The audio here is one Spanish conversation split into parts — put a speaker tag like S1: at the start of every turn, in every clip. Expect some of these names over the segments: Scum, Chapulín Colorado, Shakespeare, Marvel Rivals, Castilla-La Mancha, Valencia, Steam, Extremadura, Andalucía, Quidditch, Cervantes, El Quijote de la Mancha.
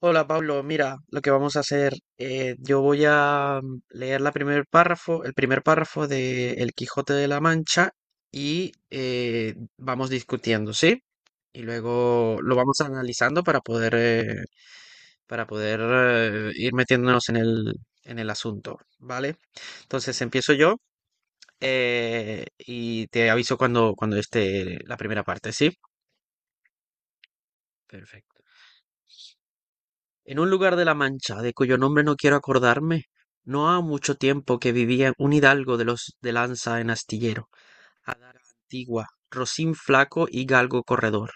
S1: Hola Pablo, mira, lo que vamos a hacer, yo voy a leer la primer párrafo, el primer párrafo de El Quijote de la Mancha y vamos discutiendo, ¿sí? Y luego lo vamos analizando para poder ir metiéndonos en el asunto, ¿vale? Entonces empiezo yo y te aviso cuando esté la primera parte, ¿sí? Perfecto. En un lugar de la Mancha, de cuyo nombre no quiero acordarme, no ha mucho tiempo que vivía un hidalgo de los de lanza en astillero, adara antigua, rocín flaco y galgo corredor,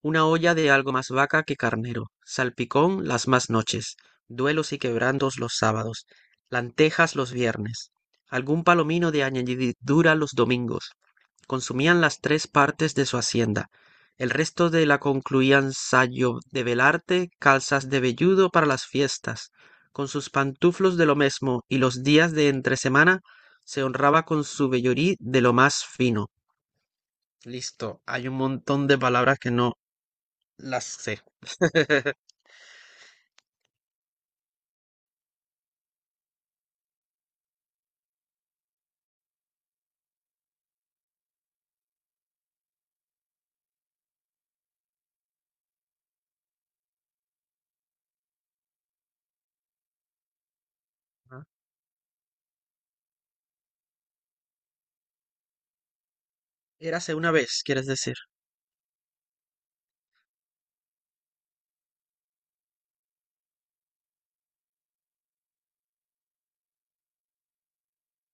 S1: una olla de algo más vaca que carnero, salpicón las más noches, duelos y quebrantos los sábados, lantejas los viernes, algún palomino de añadidura los domingos, consumían las tres partes de su hacienda. El resto de la concluían sayo de velarte, calzas de velludo para las fiestas. Con sus pantuflos de lo mesmo y los días de entre semana se honraba con su vellorí de lo más fino. Listo, hay un montón de palabras que no las sé. Ajá. Érase una vez, quieres decir.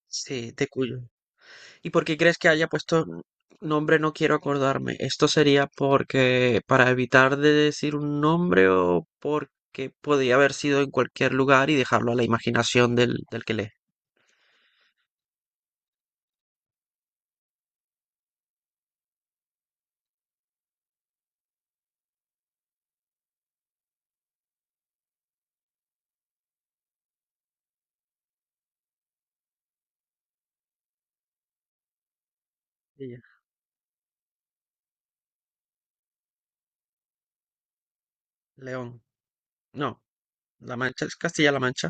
S1: Sí, de Cuyo. ¿Y por qué crees que haya puesto nombre? No quiero acordarme. ¿Esto sería porque para evitar de decir un nombre o porque podía haber sido en cualquier lugar y dejarlo a la imaginación del que lee? Ella. León. No. La Mancha es Castilla-La Mancha.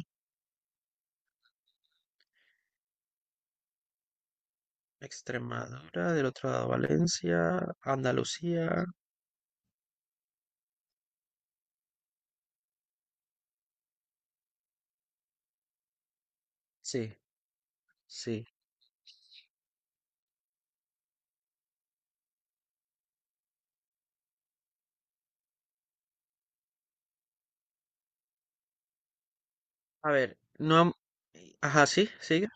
S1: Extremadura, del otro lado Valencia, Andalucía. Sí, sí. A ver, no. Ajá, sí, sigue.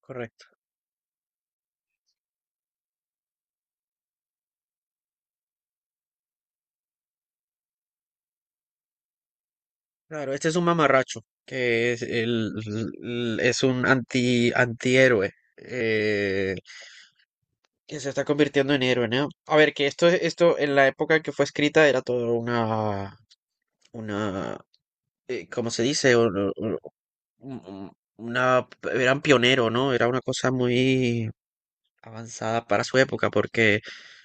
S1: Correcto. Claro, este es un mamarracho, que es, el- es un antihéroe, que se está convirtiendo en héroe, ¿no? A ver, que esto en la época en que fue escrita era todo una, ¿cómo se dice? Un- Una, eran pionero, ¿no? Era una cosa muy avanzada para su época, porque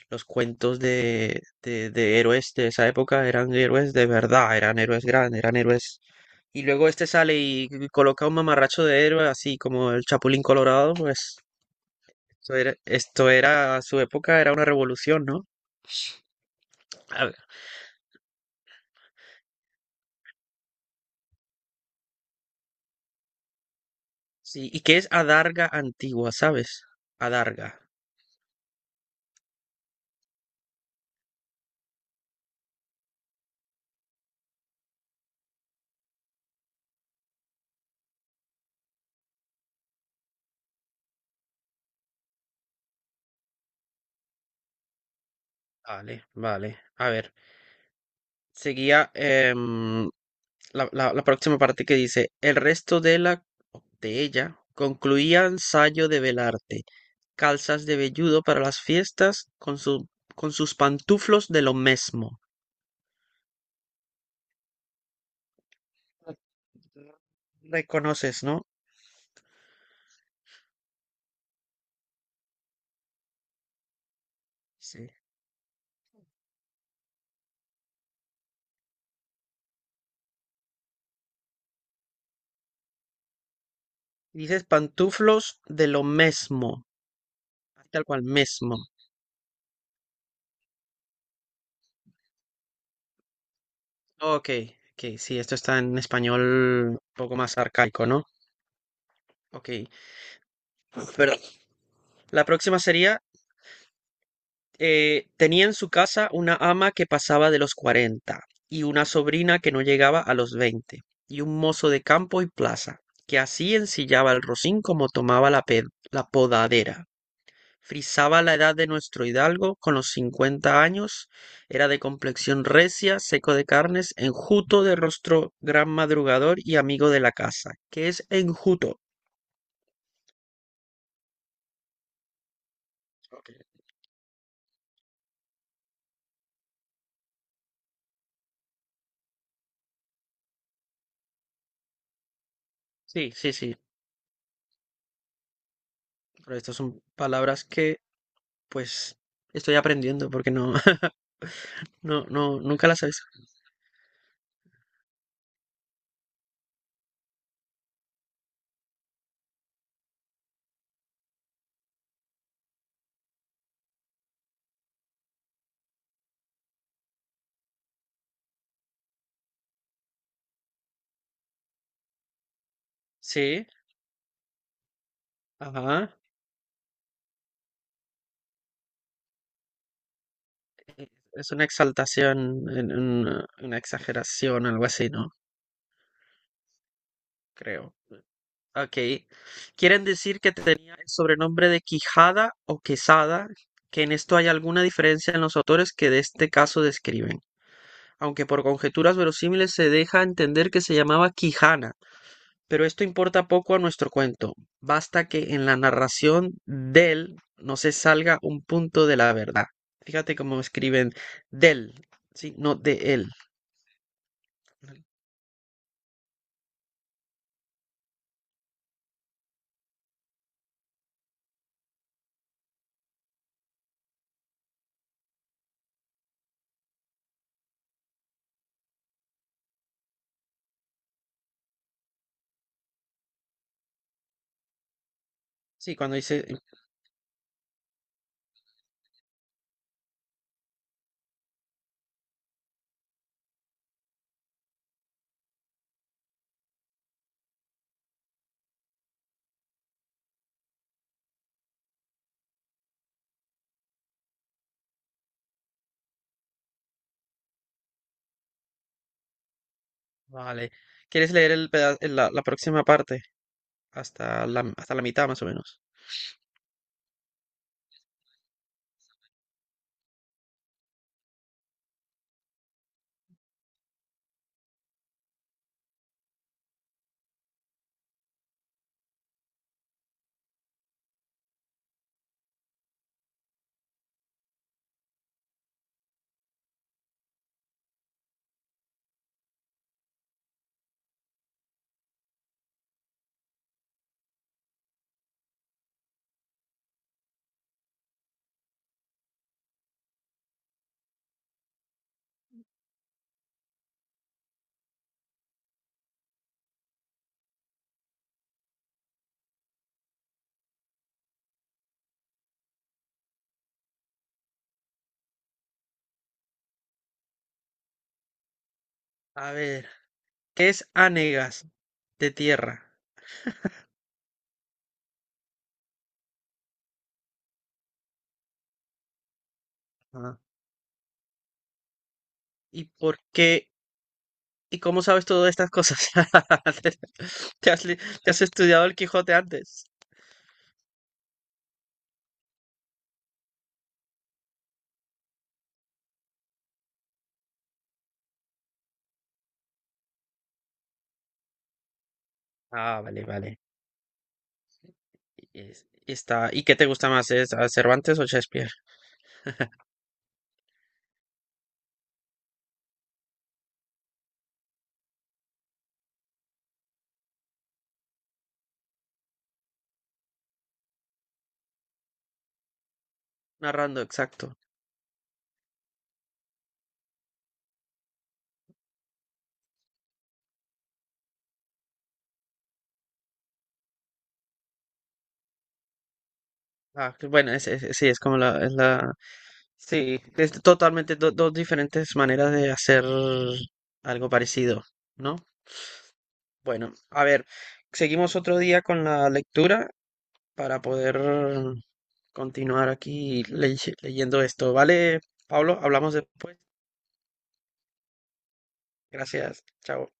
S1: los cuentos de héroes de esa época eran héroes de verdad, eran héroes grandes, eran héroes. Y luego este sale y coloca un mamarracho de héroe, así como el Chapulín Colorado, pues esto era, a su época era una revolución, ¿no? A ver, sí, ¿y qué es adarga antigua, sabes? Adarga. Vale, vale. A ver, seguía la próxima parte que dice, el resto de la, de ella concluían sayo de velarte, calzas de velludo para las fiestas con sus pantuflos de lo mismo. Reconoces, ¿no? Sí. Dices pantuflos de lo mesmo, tal cual, mesmo. Ok, ok, sí, esto está en español un poco más arcaico, ¿no? Ok, perdón. La próxima sería, tenía en su casa una ama que pasaba de los 40 y una sobrina que no llegaba a los 20 y un mozo de campo y plaza que así ensillaba el rocín como tomaba la podadera. Frisaba la edad de nuestro hidalgo con los cincuenta años, era de complexión recia, seco de carnes, enjuto de rostro, gran madrugador y amigo de la casa. ¿Qué es enjuto? Ok. Sí, sí, sí, pero estas son palabras que pues estoy aprendiendo porque no, no, nunca las he visto. Sí, ajá, es una exaltación, una exageración, algo así, ¿no? Creo. Ok. Quieren decir que tenía el sobrenombre de Quijada o Quesada, que en esto hay alguna diferencia en los autores que de este caso describen, aunque por conjeturas verosímiles se deja entender que se llamaba Quijana, pero esto importa poco a nuestro cuento. Basta que en la narración del no se salga un punto de la verdad. Fíjate cómo escriben del, sí, no de él. Sí, cuando dice, vale. ¿Quieres leer la próxima parte? Hasta hasta la mitad más o menos. A ver, ¿qué es anegas de tierra? Ajá. ¿Y por qué? ¿Y cómo sabes todas estas cosas? ¿Te has, te has estudiado el Quijote antes? Ah, vale, vale. Y, y está, ¿y qué te gusta más? ¿Es a Cervantes o Shakespeare? Narrando, exacto. Ah, que bueno, sí, es como es la, sí, es totalmente dos diferentes maneras de hacer algo parecido, ¿no? Bueno, a ver, seguimos otro día con la lectura para poder continuar aquí leyendo esto, ¿vale, Pablo? Hablamos después. Gracias, chao.